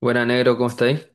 Buena, negro, ¿cómo estáis?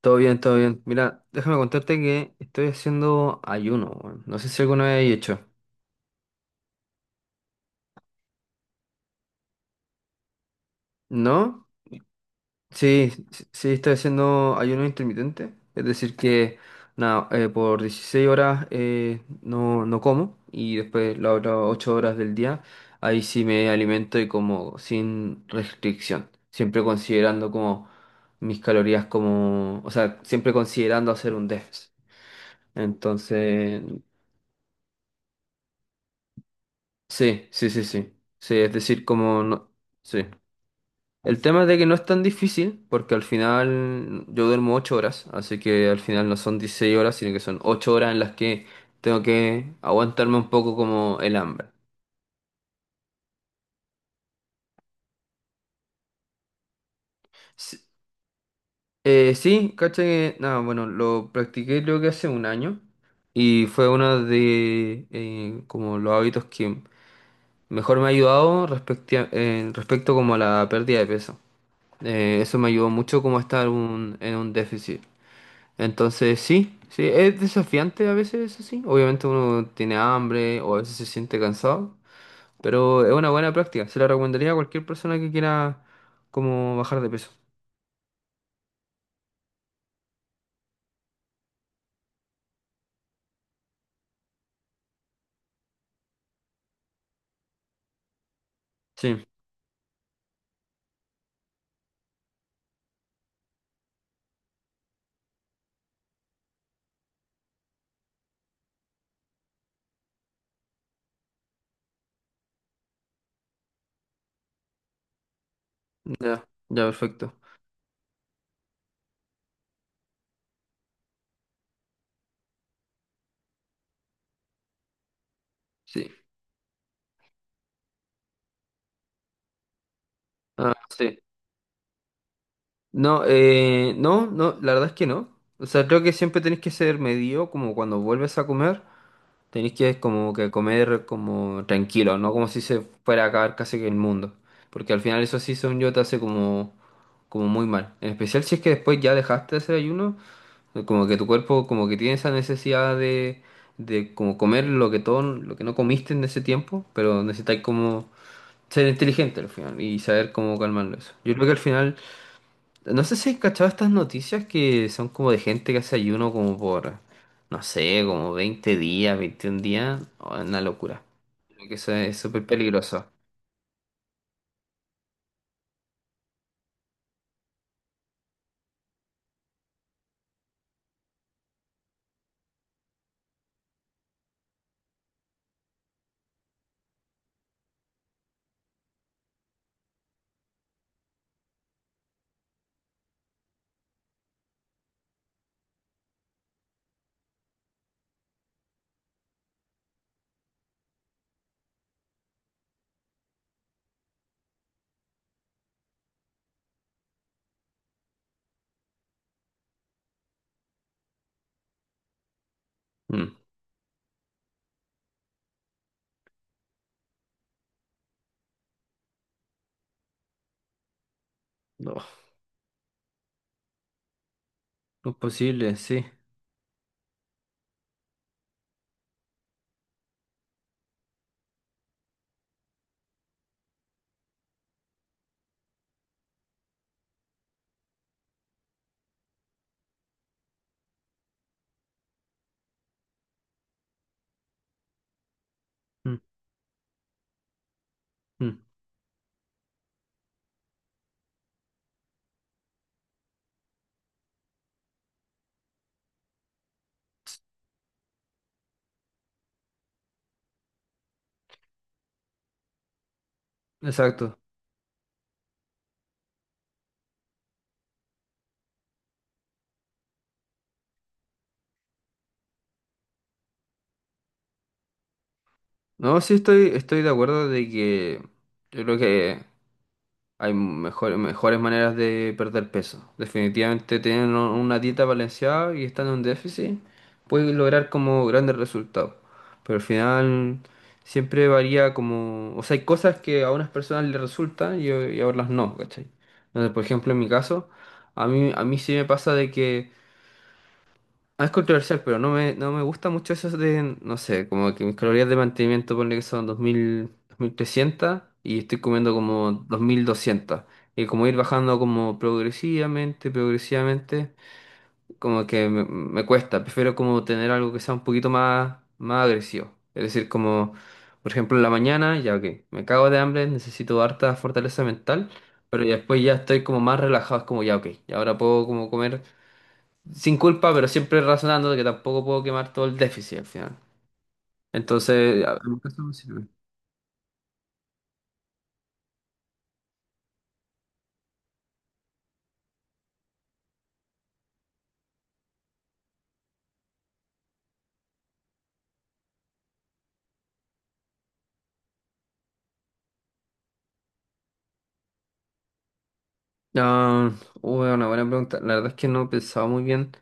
Todo bien, todo bien. Mira, déjame contarte que estoy haciendo ayuno, weón. No sé si alguna vez he hecho. ¿No? Sí, sí, sí, estoy haciendo ayuno intermitente. Es decir, que nada, por 16 horas no como, y después las otras 8 horas del día, ahí sí me alimento y como sin restricción. Siempre considerando como mis calorías, como, o sea, siempre considerando hacer un déficit. Entonces, sí, sí, sí, sí. Sí, es decir, como no... Sí. El tema es de que no es tan difícil, porque al final yo duermo 8 horas, así que al final no son 16 horas, sino que son 8 horas en las que tengo que aguantarme un poco como el hambre. Sí, sí, caché que... Nada, bueno, lo practiqué creo que hace un año, y fue uno de como los hábitos que mejor me ha ayudado respecto como a la pérdida de peso. Eso me ayudó mucho como a estar en un déficit. Entonces, sí, sí, es desafiante a veces, eso sí. Obviamente uno tiene hambre o a veces se siente cansado, pero es una buena práctica. Se la recomendaría a cualquier persona que quiera como bajar de peso. Sí, ya, ya, perfecto. Sí, ah, sí. No, no, no, la verdad es que no. O sea, creo que siempre tenés que ser medido como cuando vuelves a comer. Tenéis que como que comer como tranquilo, no como si se fuera a acabar casi que el mundo. Porque al final eso sí, según yo, te hace como, como muy mal. En especial si es que después ya dejaste de hacer ayuno, como que tu cuerpo como que tiene esa necesidad de como comer lo que todo, lo que no comiste en ese tiempo, pero necesitáis como ser inteligente al final y saber cómo calmarlo eso. Yo creo que al final no sé si has cachado estas noticias que son como de gente que hace ayuno como por, no sé, como 20 días, 21 días. Oh, es una locura. Creo que eso es súper peligroso. Mm. No, no es posible, sí. Mm, mm. Exacto. No, sí estoy de acuerdo de que yo creo que hay mejores, mejores maneras de perder peso. Definitivamente tener una dieta balanceada y estar en un déficit puede lograr como grandes resultados. Pero al final siempre varía como... O sea, hay cosas que a unas personas les resultan, y a otras no, ¿cachai? Entonces, por ejemplo, en mi caso, a mí sí me pasa de que ah, es controversial, pero no me, no me gusta mucho eso de, no sé, como que mis calorías de mantenimiento, ponle que son 2000, 2300, y estoy comiendo como 2200. Y como ir bajando como progresivamente, progresivamente, como que me cuesta. Prefiero como tener algo que sea un poquito más, más agresivo. Es decir, como, por ejemplo, en la mañana, ya que me cago de hambre, necesito harta fortaleza mental, pero ya después ya estoy como más relajado, es como ya, ok, y ahora puedo como comer sin culpa, pero siempre razonando de que tampoco puedo quemar todo el déficit al final. Entonces, en mi caso me sirve. Ah, uy, una buena pregunta. La verdad es que no he pensado muy bien.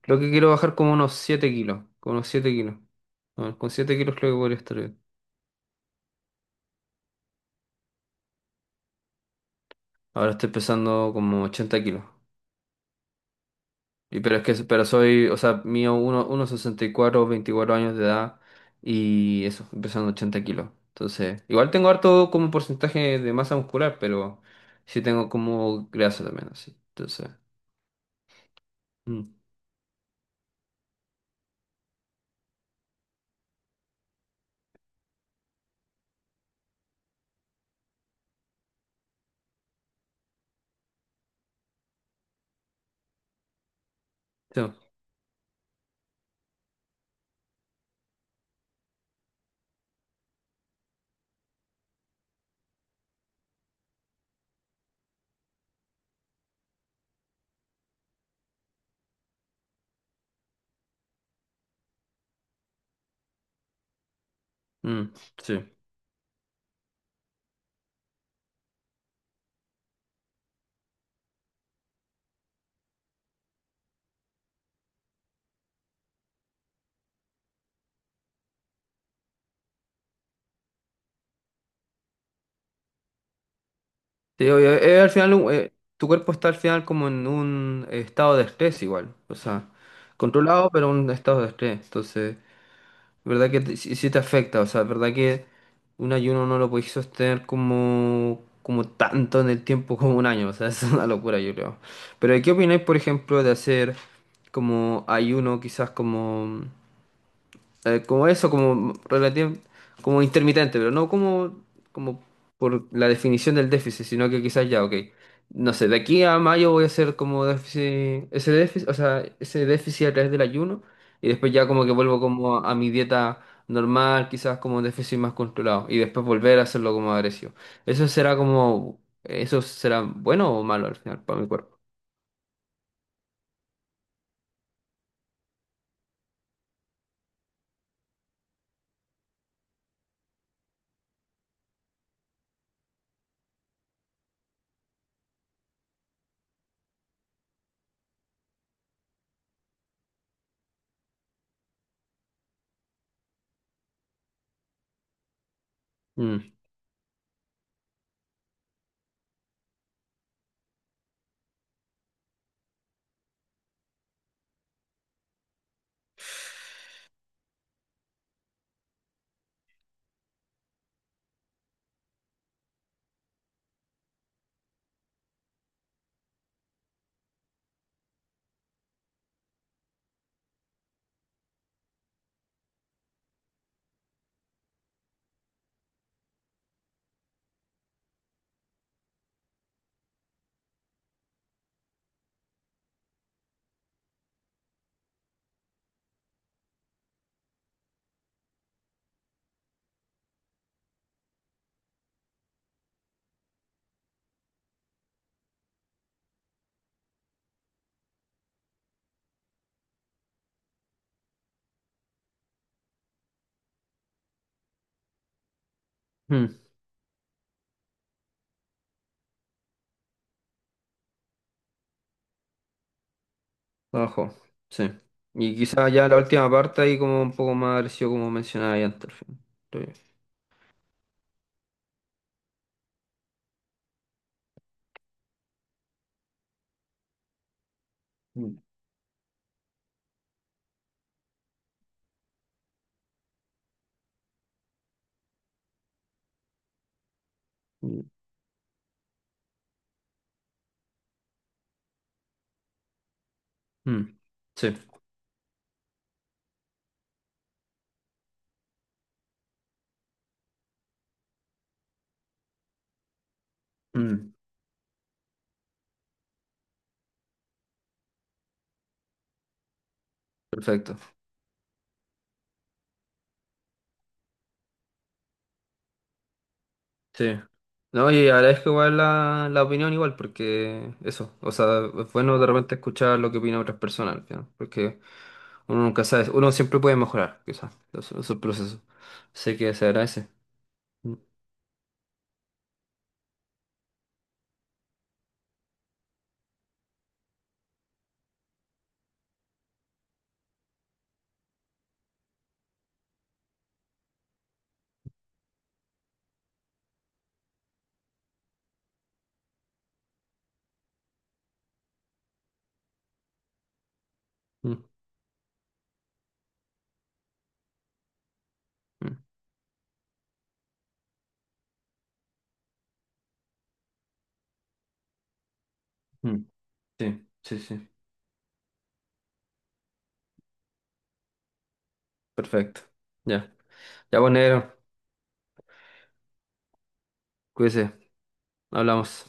Creo que quiero bajar como unos 7 kilos. Como unos 7 kilos. Ah, con 7 kilos creo que podría estar bien. Ahora estoy pesando como 80 kilos. Y pero es que, pero soy, o sea, mío uno, 1,64, 24 años de edad, y eso, empezando 80 kilos. Entonces, igual tengo harto como porcentaje de masa muscular, pero sí tengo como grasa también, así. Entonces, mm, sí, mm, sí. Sí, obvio, al final, tu cuerpo está al final como en un estado de estrés igual, o sea, controlado, pero un estado de estrés. Entonces, ¿verdad que sí, sí te afecta? O sea, ¿verdad que un ayuno no lo podéis sostener como, como tanto en el tiempo como un año? O sea, es una locura, yo creo. Pero ¿qué opináis, por ejemplo, de hacer como ayuno, quizás como como eso, como intermitente, pero no como, como por la definición del déficit, sino que quizás ya, ok, no sé, de aquí a mayo voy a hacer como déficit, ese déficit, o sea, ese déficit a través del ayuno, y después ya como que vuelvo como a, mi dieta normal, quizás como un déficit más controlado, y después volver a hacerlo como agresivo. Eso será como, eso será bueno o malo al final para mi cuerpo. Mm. Mm. Abajo, sí. Y quizás ya la última parte ahí como un poco más agresivo como mencionaba ahí antes. Estoy- mm. Mm, mm, sí, mm, perfecto, sí. No, y agradezco igual la opinión igual, porque eso, o sea, es bueno de repente escuchar lo que opinan otras personas, al final, porque uno nunca sabe, uno siempre puede mejorar, quizás, esos procesos. Sé que se agradece. Mm, mm, mm, mm. Sí, sí, sí, perfecto. Ya, ya, pues negro, cuídese, hablamos.